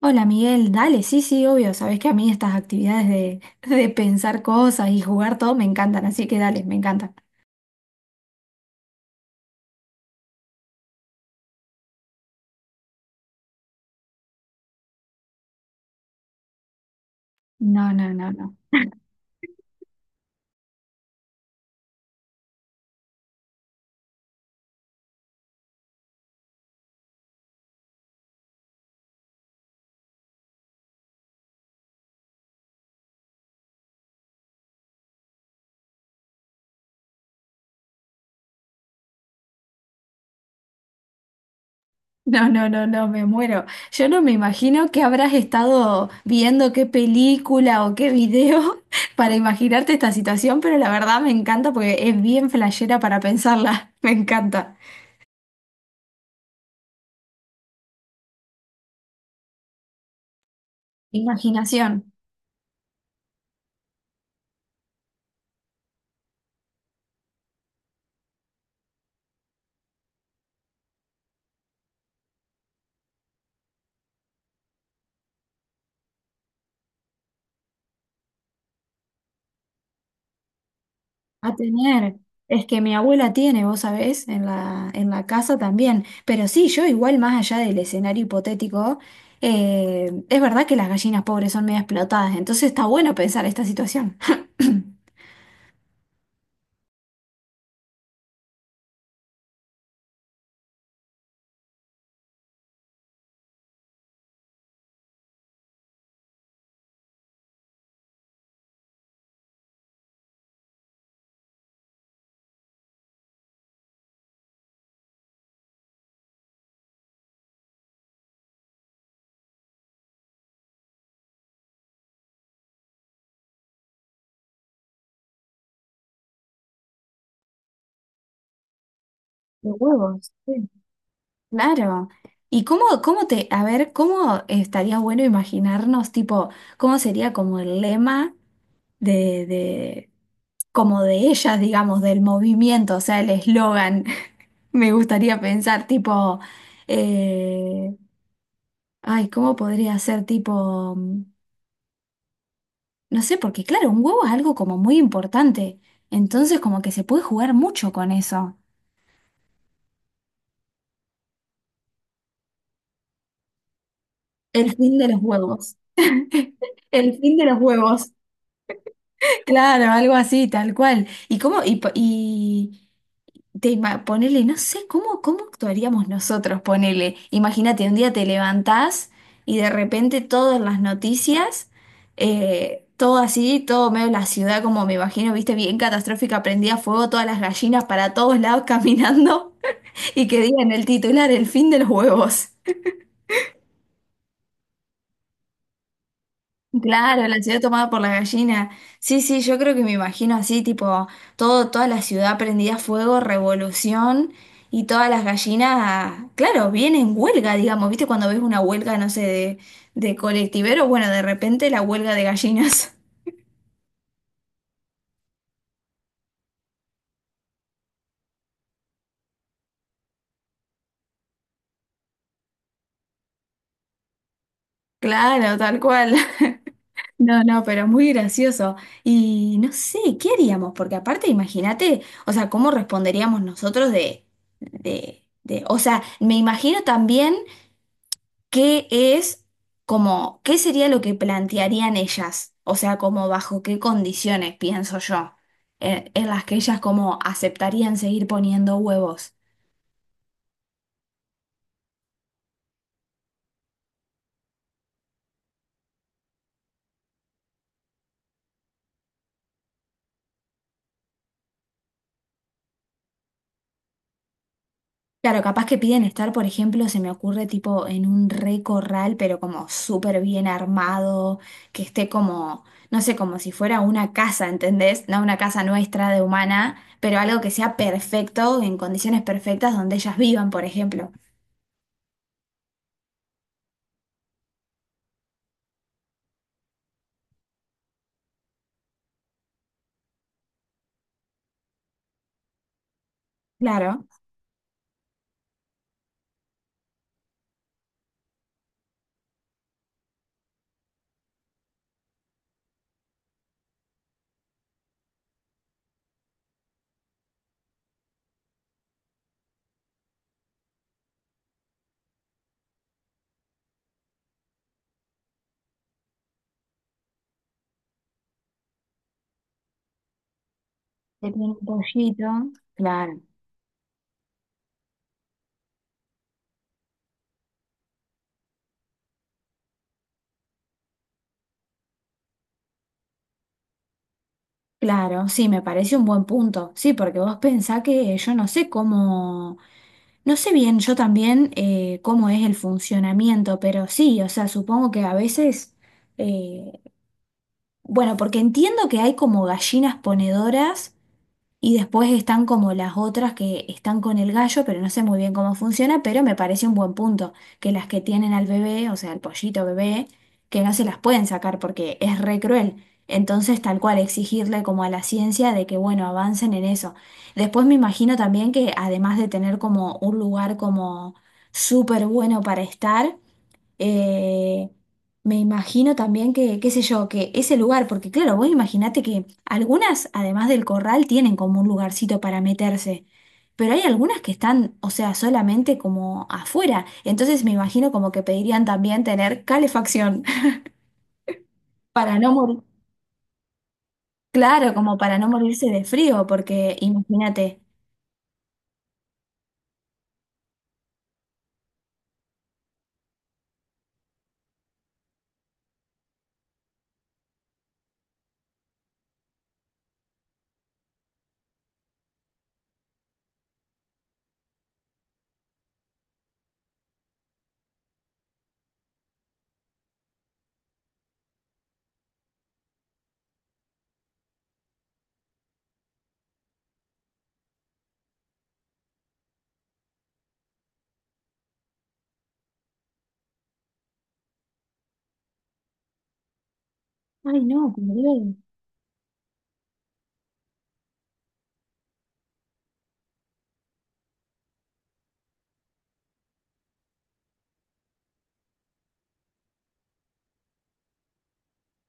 Hola Miguel, dale, sí, sí, obvio, sabes que a mí estas actividades de, de pensar cosas y jugar todo me encantan, así que dale, me encantan. No, no, no, no. No, no, no, no, me muero. Yo no me imagino que habrás estado viendo qué película o qué video para imaginarte esta situación, pero la verdad me encanta porque es bien flashera para pensarla. Me encanta. Imaginación. A tener. Es que mi abuela tiene, vos sabés, en la casa también. Pero sí, yo igual más allá del escenario hipotético, es verdad que las gallinas pobres son medio explotadas, entonces está bueno pensar esta situación. De huevos, sí. Claro. ¿Y cómo, cómo te, a ver, cómo estaría bueno imaginarnos, tipo, cómo sería como el lema de, de, como de ellas, digamos, del movimiento, o sea, el eslogan? Me gustaría pensar tipo, eh, ay, ¿cómo podría ser tipo, no sé? Porque claro, un huevo es algo como muy importante, entonces como que se puede jugar mucho con eso. El fin de los huevos. El fin de los huevos. Claro, algo así, tal cual. ¿Y cómo? Te ima- ponele, no sé, ¿cómo, cómo actuaríamos nosotros? Ponele, imagínate, un día te levantás y de repente todas las noticias, todo así, todo medio la ciudad, como me imagino, viste, bien catastrófica, prendía fuego todas las gallinas para todos lados caminando y que digan el titular, el fin de los huevos. Claro, la ciudad tomada por la gallina. Sí, sí, yo creo que me imagino así, tipo, toda la ciudad prendida a fuego, revolución, y todas las gallinas, claro, vienen en huelga, digamos, ¿viste? Cuando ves una huelga, no sé, de colectiveros, bueno, de repente la huelga de gallinas. Claro, tal cual. No, no, pero muy gracioso. Y no sé, ¿qué haríamos? Porque aparte, imagínate, o sea, ¿cómo responderíamos nosotros o sea, me imagino también. ¿Qué es como, qué sería lo que plantearían ellas? O sea, como bajo qué condiciones, pienso yo, en las que ellas como aceptarían seguir poniendo huevos. Claro, capaz que piden estar, por ejemplo, se me ocurre tipo en un re corral, pero como súper bien armado, que esté como, no sé, como si fuera una casa, ¿entendés? No una casa nuestra de humana, pero algo que sea perfecto, en condiciones perfectas donde ellas vivan, por ejemplo. Claro. Le pone un pollito. Claro, claro, sí, me parece un buen punto. Sí, porque vos pensás que yo no sé cómo, no sé bien yo también cómo es el funcionamiento, pero sí, o sea, supongo que a veces, eh, bueno, porque entiendo que hay como gallinas ponedoras. Y después están como las otras que están con el gallo, pero no sé muy bien cómo funciona, pero me parece un buen punto, que las que tienen al bebé, o sea, al pollito bebé, que no se las pueden sacar porque es re cruel. Entonces, tal cual, exigirle como a la ciencia de que, bueno, avancen en eso. Después me imagino también que además de tener como un lugar como súper bueno para estar, eh, me imagino también que, qué sé yo, que ese lugar, porque claro, vos imaginate que algunas, además del corral, tienen como un lugarcito para meterse, pero hay algunas que están, o sea, solamente como afuera. Entonces me imagino como que pedirían también tener calefacción para no morir, claro, como para no morirse de frío, porque imagínate, ay no, como digo,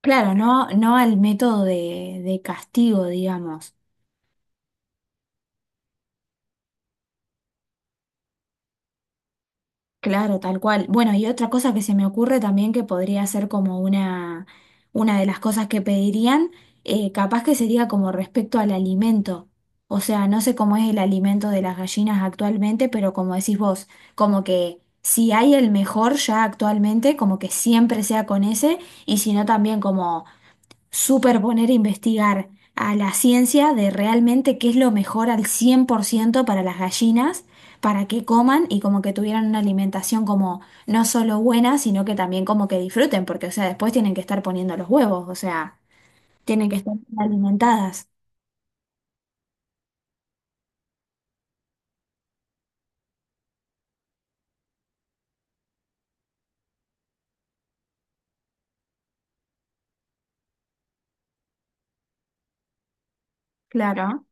claro, no, no al método de castigo, digamos. Claro, tal cual. Bueno, y otra cosa que se me ocurre también que podría ser como una de las cosas que pedirían, capaz que sería como respecto al alimento. O sea, no sé cómo es el alimento de las gallinas actualmente, pero como decís vos, como que si hay el mejor ya actualmente, como que siempre sea con ese, y si no también como superponer e investigar a la ciencia de realmente qué es lo mejor al 100% para las gallinas, para que coman y como que tuvieran una alimentación como no solo buena, sino que también como que disfruten, porque o sea, después tienen que estar poniendo los huevos, o sea, tienen que estar alimentadas. Claro.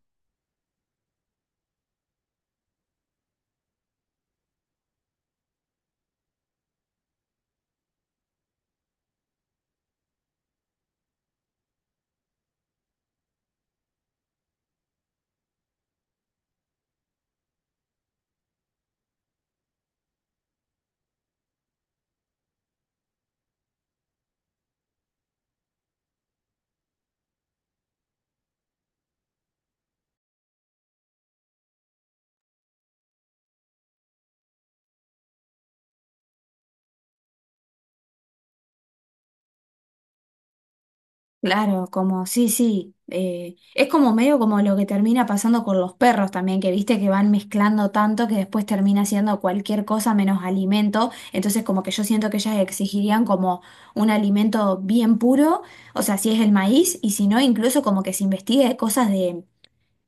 Claro, como, sí, sí, es como medio como lo que termina pasando con los perros también, que viste que van mezclando tanto que después termina siendo cualquier cosa menos alimento, entonces como que yo siento que ellas exigirían como un alimento bien puro, o sea, si es el maíz, y si no, incluso como que se investigue cosas de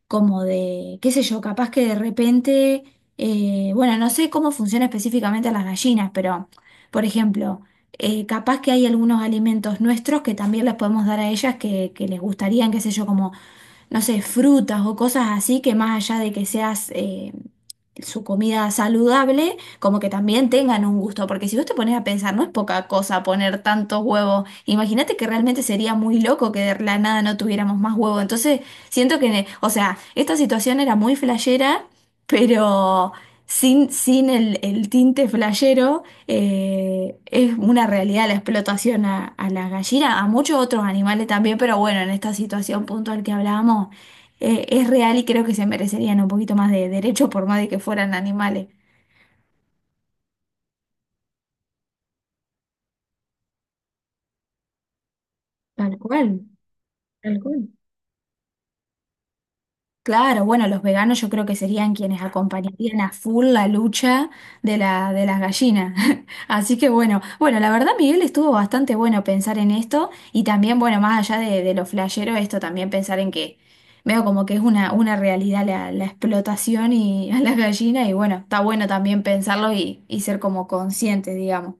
como qué sé yo, capaz que de repente, bueno, no sé cómo funciona específicamente las gallinas, pero, por ejemplo, capaz que hay algunos alimentos nuestros que también les podemos dar a ellas que les gustarían, qué sé yo, como no sé, frutas o cosas así que más allá de que seas su comida saludable, como que también tengan un gusto, porque si vos te pones a pensar, no es poca cosa poner tantos huevos, imagínate que realmente sería muy loco que de la nada no tuviéramos más huevo, entonces siento que, o sea, esta situación era muy flashera, pero sin el, el tinte flashero. Es una realidad la explotación a la gallina, a muchos otros animales también, pero bueno, en esta situación puntual que hablábamos, es real y creo que se merecerían un poquito más de derecho por más de que fueran animales. Tal cual, tal cual. Claro, bueno, los veganos yo creo que serían quienes acompañarían a full la lucha de las gallinas. Así que bueno, bueno, la verdad, Miguel, estuvo bastante bueno pensar en esto y también, bueno, más allá de lo flashero, esto también pensar en que veo como que es una realidad la explotación y a las gallinas y bueno, está bueno también pensarlo y ser como consciente, digamos,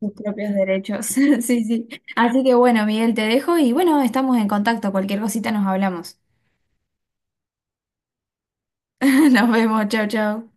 de sus propios derechos. Sí, sí. Así que bueno, Miguel, te dejo y bueno, estamos en contacto, cualquier cosita nos hablamos. Nos vemos, chau, chau.